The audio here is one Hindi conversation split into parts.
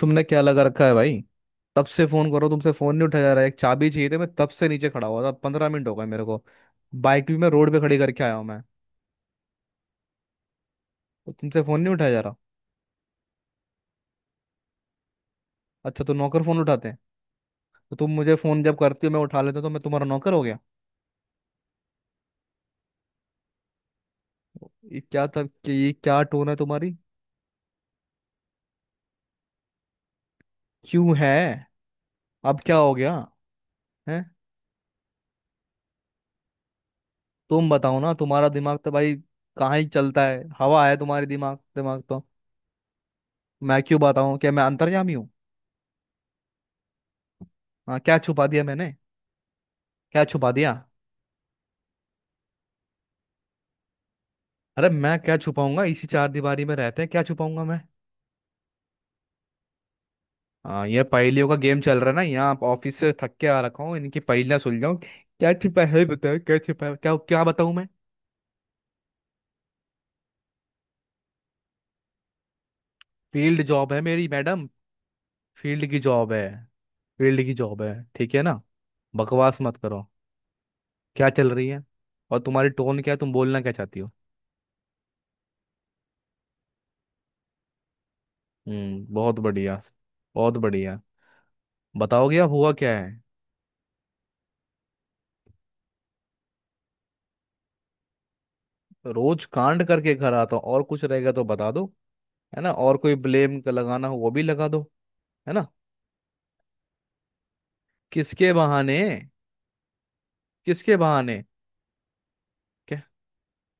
तुमने क्या लगा रखा है भाई। तब से फोन करो, तुमसे फोन नहीं उठाया जा रहा है। एक चाबी चाहिए थी, मैं तब से नीचे खड़ा हुआ था, 15 मिनट हो गए मेरे को। बाइक भी मैं रोड पे खड़ी करके आया हूँ मैं। तो तुमसे फोन नहीं उठाया जा रहा। अच्छा, तो नौकर फोन उठाते हैं? तो तुम मुझे फोन जब करती हो मैं उठा लेता हूं, तो मैं तुम्हारा नौकर हो गया? ये क्या टोन है तुम्हारी? क्यों है? अब क्या हो गया है? तुम बताओ ना। तुम्हारा दिमाग तो भाई कहाँ ही चलता है। हवा है तुम्हारी दिमाग दिमाग तो मैं क्यों बताऊं? कि मैं अंतर्यामी हूँ? हाँ, क्या छुपा दिया मैंने? क्या छुपा दिया? अरे मैं क्या छुपाऊंगा, इसी चार दीवारी में रहते हैं, क्या छुपाऊंगा मैं? हाँ, ये पहेलियों का गेम चल रहा है ना यहाँ। आप ऑफिस से थक के आ रखा हूँ, इनकी पहेलियां सुलझाऊं। क्या छिपा है बताओ, क्या छिपा है? क्या क्या बताऊं मैं? फील्ड जॉब है मेरी मैडम। फील्ड की जॉब है। फील्ड की जॉब है ठीक है ना? बकवास मत करो। क्या चल रही है? और तुम्हारी टोन क्या है, तुम बोलना क्या चाहती हो? बहुत बढ़िया। बहुत बढ़िया। बताओगे अब हुआ क्या है? रोज कांड करके घर आता हूँ, और कुछ रहेगा तो बता दो। है ना, और कोई ब्लेम लगाना हो वो भी लगा दो। है ना? किसके बहाने? किसके बहाने? क्या?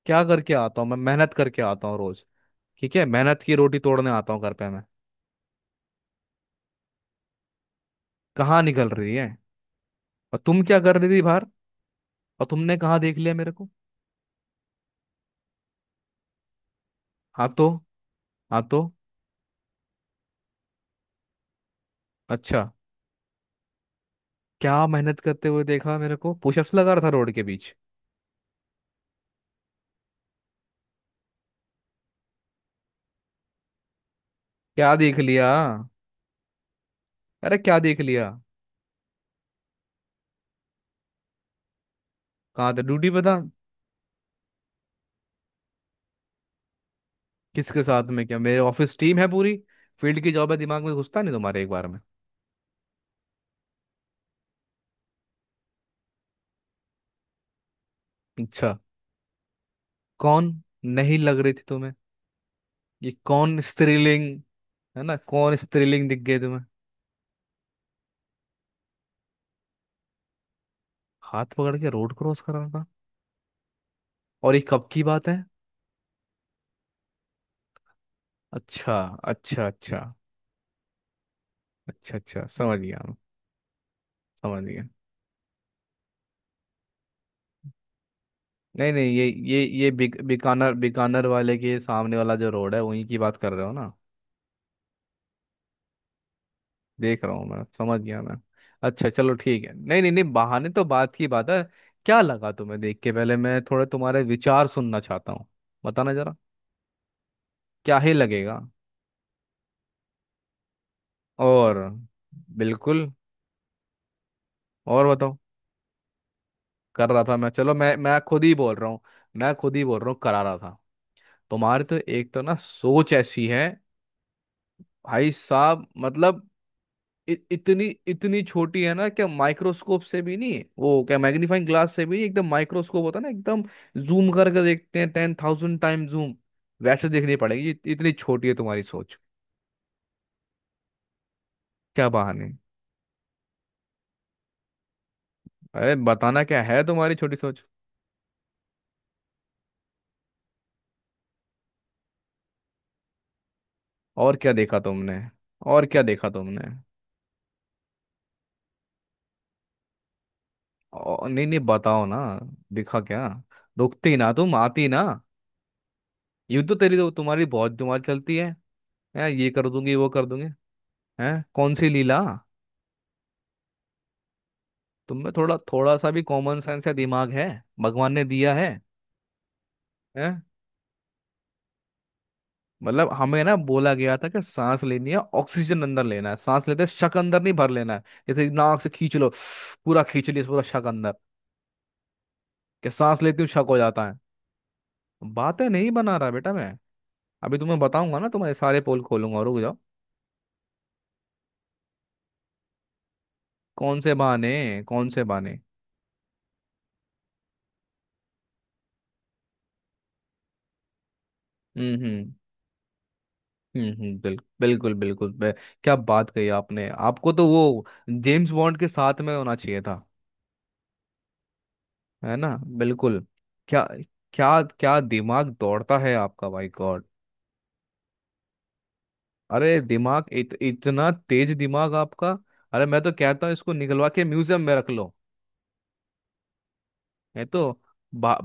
क्या करके आता हूँ मैं? मेहनत करके आता हूँ रोज। ठीक है, मेहनत की रोटी तोड़ने आता हूँ घर पे मैं। कहाँ निकल रही है? और तुम क्या कर रही थी बाहर? और तुमने कहाँ देख लिया मेरे को? हाँ तो। हाँ तो। अच्छा। क्या मेहनत करते हुए देखा मेरे को, पुशअप्स लगा रहा था रोड के बीच? क्या देख लिया? अरे क्या देख लिया? कहाँ था, ड्यूटी पे था। किसके साथ में क्या, मेरे ऑफिस टीम है पूरी। फील्ड की जॉब है, दिमाग में घुसता नहीं तुम्हारे एक बार में। अच्छा, कौन? नहीं लग रही थी तुम्हें? ये कौन स्त्रीलिंग? है ना? कौन स्त्रीलिंग दिख गई तुम्हें? हाथ पकड़ के रोड क्रॉस कर रहा था? और ये कब की बात है? अच्छा। अच्छा अच्छा। अच्छा अच्छा समझ गया मैं। समझ गया। नहीं नहीं, ये बिक, बीकानेर बीकानेर वाले के सामने वाला जो रोड है वहीं की बात कर रहे हो ना? देख रहा हूँ मैं, समझ गया मैं। अच्छा चलो ठीक है, नहीं नहीं नहीं, बहाने तो बात की बात है। क्या लगा तुम्हें देख के? पहले मैं थोड़ा तुम्हारे विचार सुनना चाहता हूँ। बताना जरा। क्या ही लगेगा? और? बिल्कुल। और बताओ। कर रहा था मैं, चलो मैं खुद ही बोल रहा हूँ। मैं खुद ही बोल रहा हूँ, करा रहा था। तुम्हारी तो एक तो ना सोच ऐसी है। भाई साहब, मतलब, इ, इतनी इतनी छोटी है ना। क्या माइक्रोस्कोप से भी नहीं, वो क्या मैग्नीफाइंग ग्लास से भी नहीं, एकदम माइक्रोस्कोप होता है ना एकदम, जूम करके देखते हैं 10,000 टाइम जूम। वैसे देखनी पड़ेगी, इतनी छोटी है तुम्हारी सोच। क्या बहाने? अरे बताना क्या है तुम्हारी छोटी सोच? और क्या देखा तुमने? और क्या देखा तुमने? और नहीं नहीं, बताओ ना। दिखा क्या? रुकती ना, तुम आती ना। यूं तो तेरी तो तुम्हारी बहुत जुबान चलती है। हैं, ये कर दूंगी, वो कर दूंगी। हैं, कौन सी लीला? तुम में थोड़ा थोड़ा सा भी कॉमन सेंस या दिमाग है? भगवान ने दिया है? हैं? मतलब हमें ना बोला गया था कि सांस लेनी है, ऑक्सीजन अंदर लेना है, सांस लेते शक अंदर नहीं भर लेना है, जैसे नाक से खींच लो पूरा, खींच लिया पूरा शक अंदर, कि सांस लेती हूँ शक हो जाता है। बातें नहीं बना रहा बेटा मैं। अभी तुम्हें बताऊंगा ना, तुम्हारे सारे पोल खोलूंगा और। कौन से बहाने? कौन से बहाने? हम्म हम्म बिल्कुल बिल्कुल क्या बात कही आपने, आपको तो वो जेम्स बॉन्ड के साथ में होना चाहिए था। है ना? बिल्कुल। क्या? क्या क्या दिमाग दौड़ता है आपका भाई, गॉड। अरे दिमाग, इतना तेज दिमाग आपका। अरे मैं तो कहता हूँ इसको निकलवा के म्यूजियम में रख लो। ये तो बा-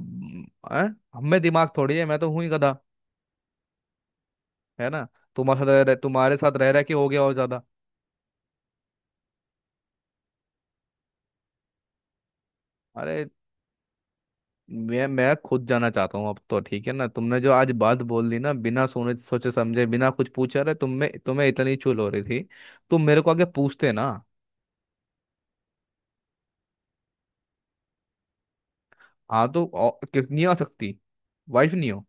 अ? हम में दिमाग थोड़ी है, मैं तो हूं ही गधा। है ना? तुम्हारे साथ रह रहे, तुम्हारे साथ रह रह के हो गया और ज्यादा। अरे मैं खुद जाना चाहता हूँ अब तो, ठीक है ना? तुमने जो आज बात बोल दी ना, बिना सोने सोचे समझे, बिना कुछ पूछा, रहे तुम में, तुम्हें इतनी चुल हो रही थी, तुम मेरे को आगे पूछते ना। हाँ तो, नहीं आ सकती? वाइफ नहीं हो?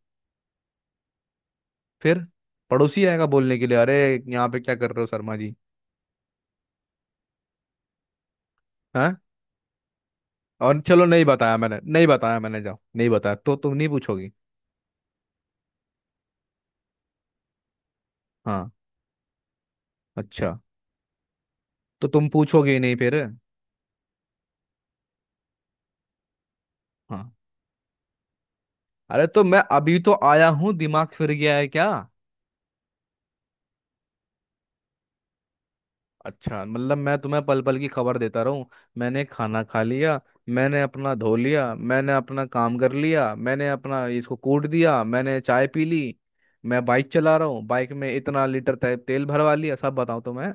फिर? पड़ोसी आएगा बोलने के लिए, अरे यहाँ पे क्या कर रहे हो शर्मा जी? हाँ। और चलो, नहीं बताया मैंने, नहीं बताया मैंने, जाओ, नहीं बताया तो तुम नहीं पूछोगी? हाँ। अच्छा। तो तुम पूछोगे ही नहीं फिर? हाँ। अरे तो मैं अभी तो आया हूँ, दिमाग फिर गया है क्या? अच्छा मतलब मैं तुम्हें पल पल की खबर देता रहूं? मैंने खाना खा लिया, मैंने अपना धो लिया, मैंने अपना काम कर लिया, मैंने अपना इसको कूट दिया, मैंने चाय पी ली, मैं बाइक चला रहा हूँ, बाइक में इतना लीटर तेल भरवा लिया, सब बताऊं तो मैं?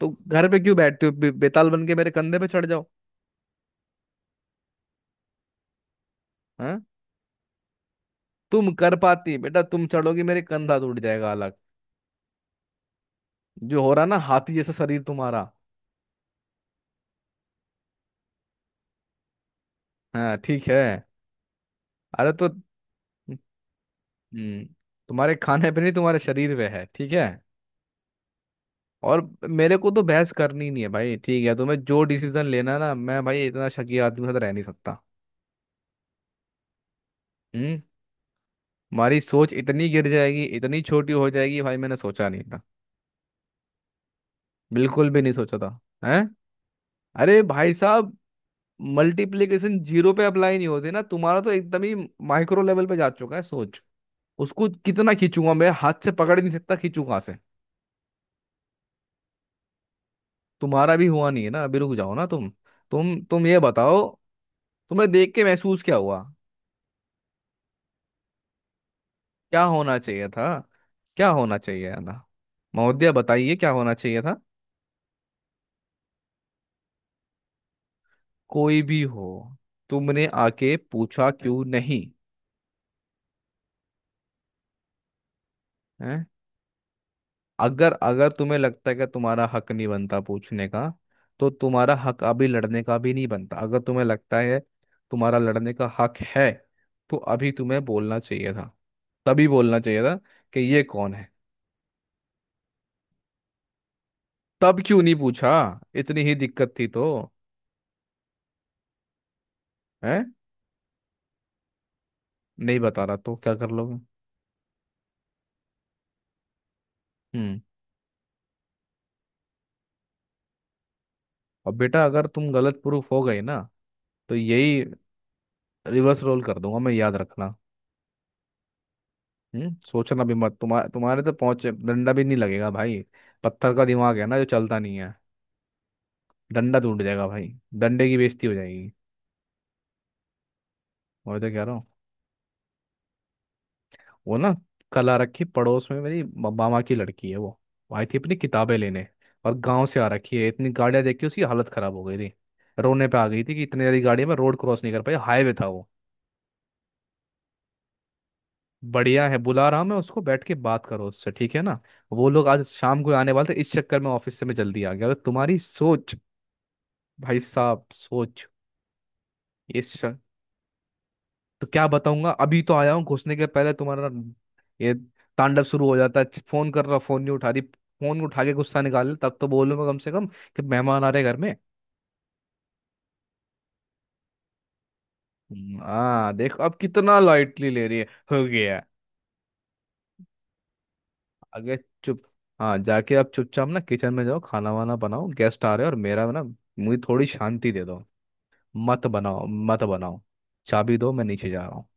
तो घर पे क्यों बैठते हो, बेताल बन के मेरे कंधे पे चढ़ जाओ। हैं? तुम कर पाती बेटा? तुम चढ़ोगी मेरे, कंधा टूट जाएगा अलग। जो हो रहा ना, हाथी जैसा शरीर तुम्हारा। हाँ ठीक है। अरे तो, हम्म तुम्हारे खाने पे नहीं, तुम्हारे शरीर पे है, ठीक है? और मेरे को तो बहस करनी नहीं है भाई, ठीक है? तुम्हें जो डिसीजन लेना है ना, मैं भाई इतना शकी आदमी के साथ रह नहीं सकता। हम्म हमारी सोच इतनी गिर जाएगी, इतनी छोटी हो जाएगी भाई, मैंने सोचा नहीं था। बिल्कुल भी नहीं सोचा था। हैं? अरे भाई साहब, मल्टीप्लीकेशन जीरो पे अप्लाई नहीं होते ना। तुम्हारा तो एकदम ही माइक्रो लेवल पे जा चुका है सोच। उसको कितना खींचूंगा मैं, हाथ से पकड़ ही नहीं सकता, खींचू कहाँ से? तुम्हारा भी हुआ नहीं है ना अभी, रुक जाओ ना तुम। तुम ये बताओ, तुम्हें देख के महसूस क्या हुआ? क्या होना चाहिए था? क्या होना चाहिए था? महोदया, बताइए क्या होना चाहिए था? कोई भी हो, तुमने आके पूछा क्यों नहीं? है? अगर अगर तुम्हें लगता है कि तुम्हारा हक नहीं बनता पूछने का, तो तुम्हारा हक अभी लड़ने का भी नहीं बनता। अगर तुम्हें लगता है तुम्हारा लड़ने का हक है, तो अभी तुम्हें बोलना चाहिए था। तभी बोलना चाहिए था कि ये कौन है? तब क्यों नहीं पूछा? इतनी ही दिक्कत थी तो? है? नहीं बता रहा तो क्या कर लोगे? हम्म। अब बेटा अगर तुम गलत प्रूफ हो गई ना, तो यही रिवर्स रोल कर दूंगा मैं, याद रखना। सोचना भी मत, तुम्हारे तुम्हारे तो पहुंच डंडा भी नहीं लगेगा भाई। पत्थर का दिमाग है ना जो चलता नहीं है। डंडा टूट जाएगा भाई। डंडे की बेइज्जती हो जाएगी। मैं तो कह रहा हूँ। वो ना, कला रखी पड़ोस में, मेरी मामा की लड़की है वो। वो आई थी अपनी किताबें लेने, और गांव से आ रखी है, इतनी गाड़ियां देख के उसकी हालत खराब हो गई थी। रोने पे आ गई थी कि इतनी ज्यादा गाड़ियां में रोड क्रॉस नहीं कर पाई, हाईवे था वो। बढ़िया है, बुला रहा हूँ मैं उसको, बैठ के बात करो उससे, ठीक है ना? वो लोग आज शाम को आने वाले थे, इस चक्कर में ऑफिस से मैं जल्दी आ गया। अगर तुम्हारी सोच, भाई साहब सोच, ये श- तो क्या बताऊंगा, अभी तो आया हूँ, घुसने के पहले तुम्हारा ये तांडव शुरू हो जाता है। फोन कर रहा, फोन नहीं उठा रही, फोन उठा के गुस्सा निकाल ले, तब तो बोलूंगा कम से कम कि मेहमान आ रहे घर में। हाँ देखो अब कितना लाइटली ले रही है। हो गया। अगर चुप। हाँ, जाके आप चुपचाप ना किचन में जाओ, खाना वाना बनाओ, गेस्ट आ रहे हैं, और मेरा ना, मुझे थोड़ी शांति दे दो। मत बनाओ मत बनाओ। चाबी दो, मैं नीचे जा रहा हूँ।